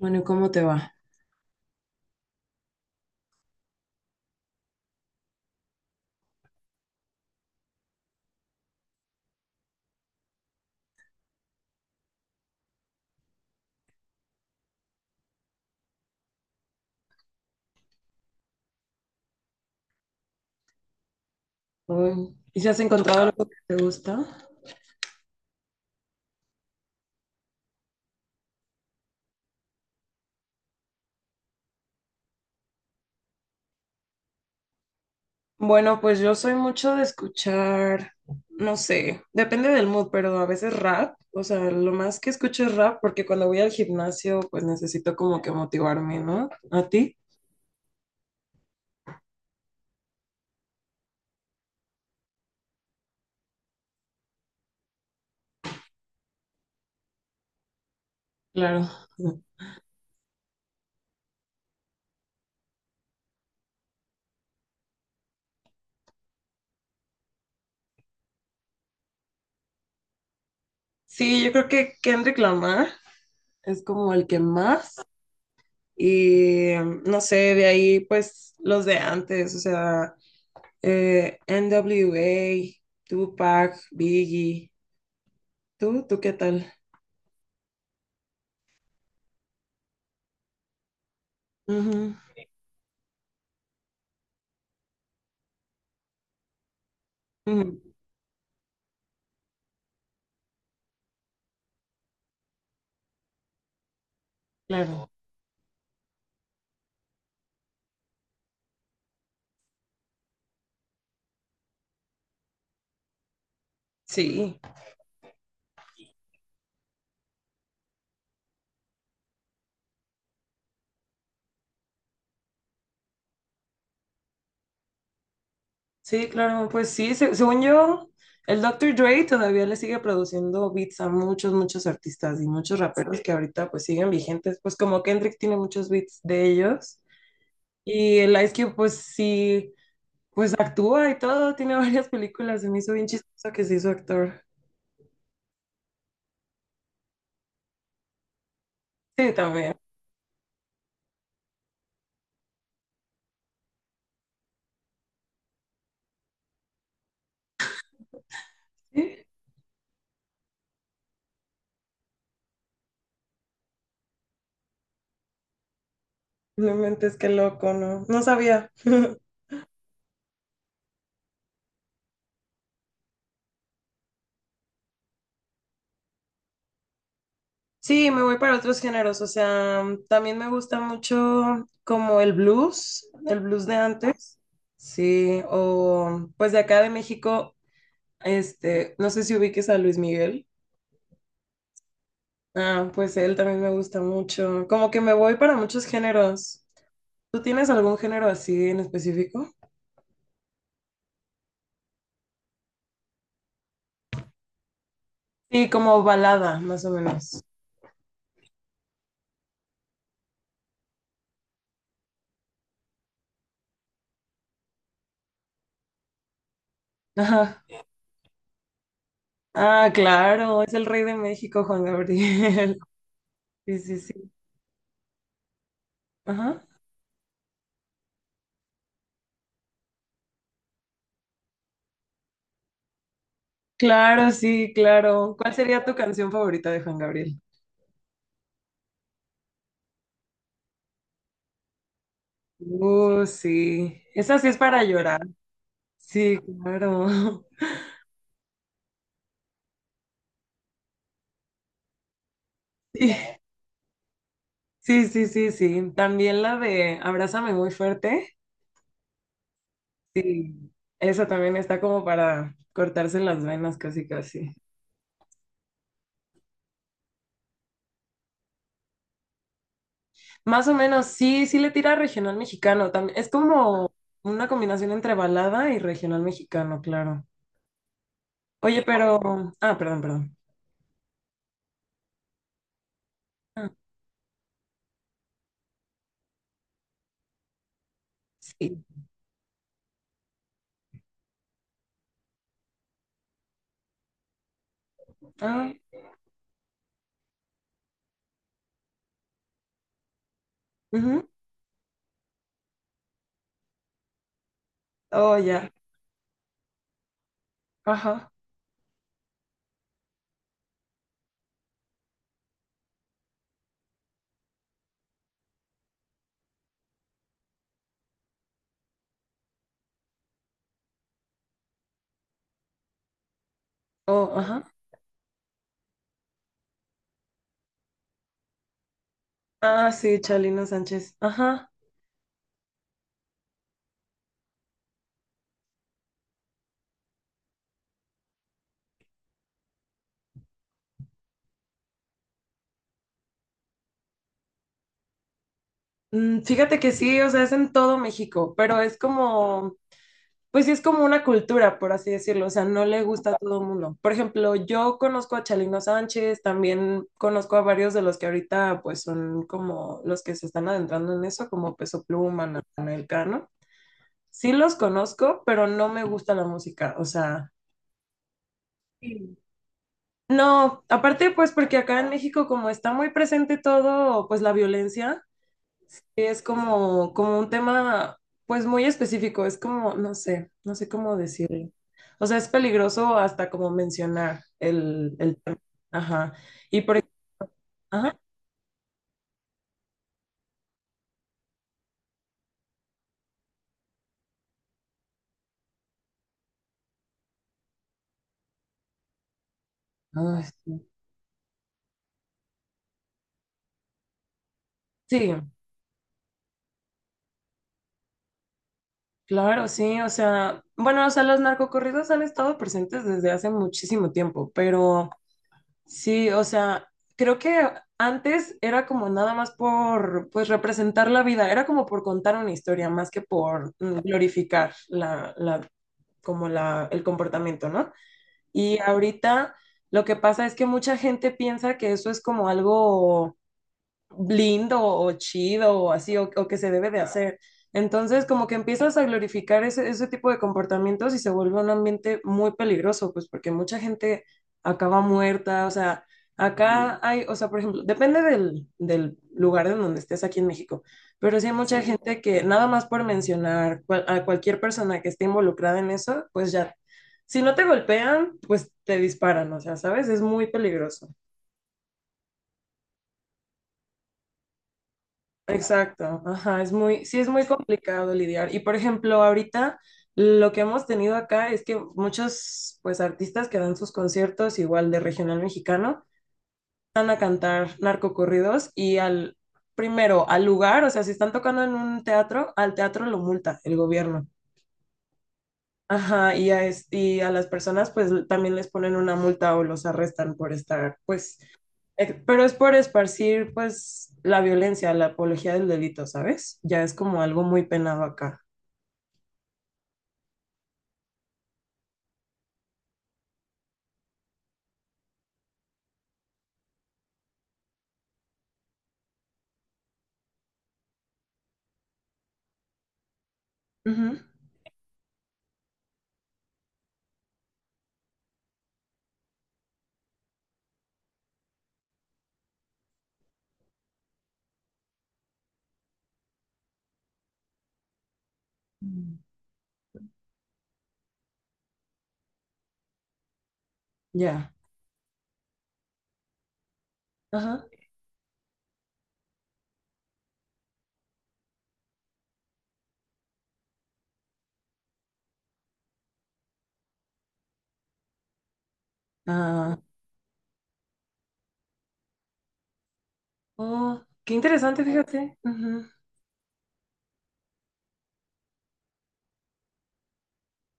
Bueno, ¿y cómo te va? Uy, ¿y si has encontrado algo que te gusta? Bueno, pues yo soy mucho de escuchar, no sé, depende del mood, pero a veces rap, o sea, lo más que escucho es rap porque cuando voy al gimnasio, pues necesito como que motivarme, ¿no? ¿A ti? Claro. Sí, yo creo que Kendrick Lamar es como el que más y no sé, de ahí pues los de antes, o sea, NWA, Tupac, Biggie. ¿Tú? ¿Tú qué tal? Ujú, ujú, claro. Sí, sí, claro. Pues sí, según yo, el doctor Dre todavía le sigue produciendo beats a muchos, muchos artistas y muchos raperos que ahorita pues siguen vigentes. Pues como Kendrick tiene muchos beats de ellos. Y el Ice Cube pues sí, pues actúa y todo, tiene varias películas. Se me hizo bien chistoso que se hizo actor. Sí, también. Sí, realmente es que loco, ¿no? No sabía. Sí, me voy para otros géneros, o sea, también me gusta mucho como el blues de antes, sí, o pues de acá de México, este, no sé si ubiques a Luis Miguel, ah, pues él también me gusta mucho, como que me voy para muchos géneros. ¿Tú tienes algún género así en específico? Sí, como balada, más o menos. Ajá. Ah, claro, es el rey de México, Juan Gabriel. Sí, sí, sí. Ajá. Claro, sí, claro. ¿Cuál sería tu canción favorita de Juan Gabriel? Sí. Esa sí es para llorar. Sí, claro. Sí, sí, sí, sí, sí. También la de Abrázame muy fuerte. Sí. Esa también está como para cortarse las venas, casi, casi. Más o menos, sí, sí le tira a regional mexicano. También es como una combinación entre balada y regional mexicano, claro. Oye, pero. Ah, perdón, perdón. Ah, sí. Ah, ujú. Oh, ya. Ajá. Oh, ajá. Ah, sí, Chalino Sánchez. Ajá. Mm, fíjate que sí, o sea, es en todo México, pero es como, pues sí, es como una cultura, por así decirlo. O sea, no le gusta a todo el mundo. Por ejemplo, yo conozco a Chalino Sánchez, también conozco a varios de los que ahorita, pues son como los que se están adentrando en eso, como Peso Pluma, Natanael Cano. Sí los conozco, pero no me gusta la música. O sea, no, aparte pues porque acá en México como está muy presente todo, pues la violencia es como, como un tema pues muy específico, es como, no sé, no sé cómo decirlo. O sea, es peligroso hasta como mencionar el tema. Ajá. Y por ajá. Ay, sí. Sí, claro, sí, o sea, bueno, o sea, los narcocorridos han estado presentes desde hace muchísimo tiempo, pero... Sí, o sea, creo que antes era como nada más por, pues, representar la vida, era como por contar una historia, más que por glorificar la, la, como la, el comportamiento, ¿no? Y ahorita lo que pasa es que mucha gente piensa que eso es como algo lindo o chido o así, o que se debe de hacer. Entonces, como que empiezas a glorificar ese, ese tipo de comportamientos y se vuelve un ambiente muy peligroso, pues porque mucha gente acaba muerta, o sea, acá hay, o sea, por ejemplo, depende del, del lugar en donde estés aquí en México, pero sí hay mucha sí, gente que nada más por mencionar a cualquier persona que esté involucrada en eso, pues ya, si no te golpean, pues te disparan, o sea, ¿sabes? Es muy peligroso. Exacto, ajá, es muy, sí es muy complicado lidiar. Y por ejemplo, ahorita lo que hemos tenido acá es que muchos pues artistas que dan sus conciertos igual de regional mexicano van a cantar narcocorridos y al primero al lugar, o sea, si están tocando en un teatro, al teatro lo multa el gobierno. Ajá, y a, y a las personas pues también les ponen una multa o los arrestan por estar, pues, pero es por esparcir pues la violencia, la apología del delito, ¿sabes? Ya es como algo muy penado acá. Ujú. Mm. Ya, ajá. Ah, oh, qué interesante, fíjate. Ujú.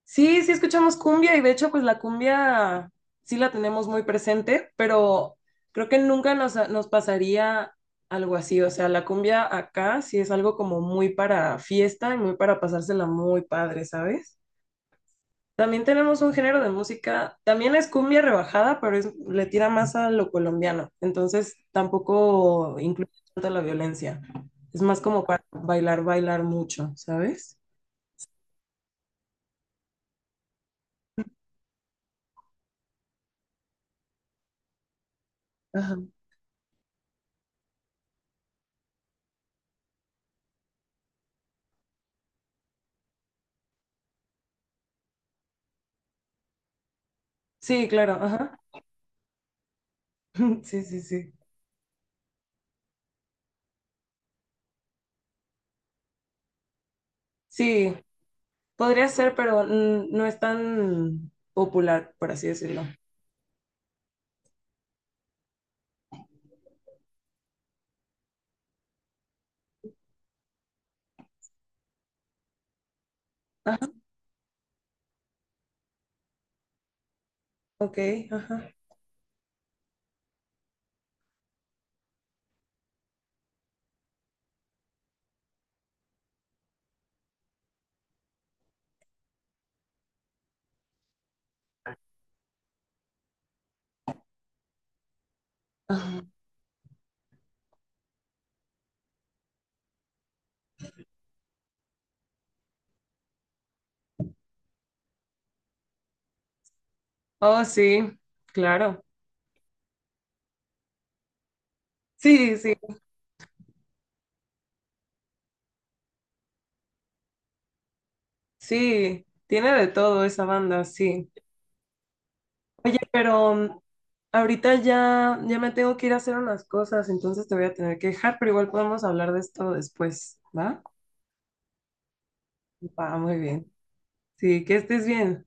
Sí, sí escuchamos cumbia y de hecho, pues la cumbia sí la tenemos muy presente, pero creo que nunca nos, nos pasaría algo así. O sea, la cumbia acá sí es algo como muy para fiesta y muy para pasársela muy padre, ¿sabes? También tenemos un género de música, también es cumbia rebajada, pero le tira más a lo colombiano. Entonces tampoco incluye tanto la violencia. Es más como para bailar, bailar mucho, ¿sabes? Sí, claro, ajá. Sí, sí, sí. Sí, podría ser, pero no es tan popular, por así decirlo. Ajá, ok, ajá. Ajá. Oh, sí, claro. Sí, sí, sí. Tiene de todo esa banda, sí. Oye, pero ahorita ya, ya me tengo que ir a hacer unas cosas, entonces te voy a tener que dejar, pero igual podemos hablar de esto después, ¿va? Va, muy bien. Sí, que estés bien.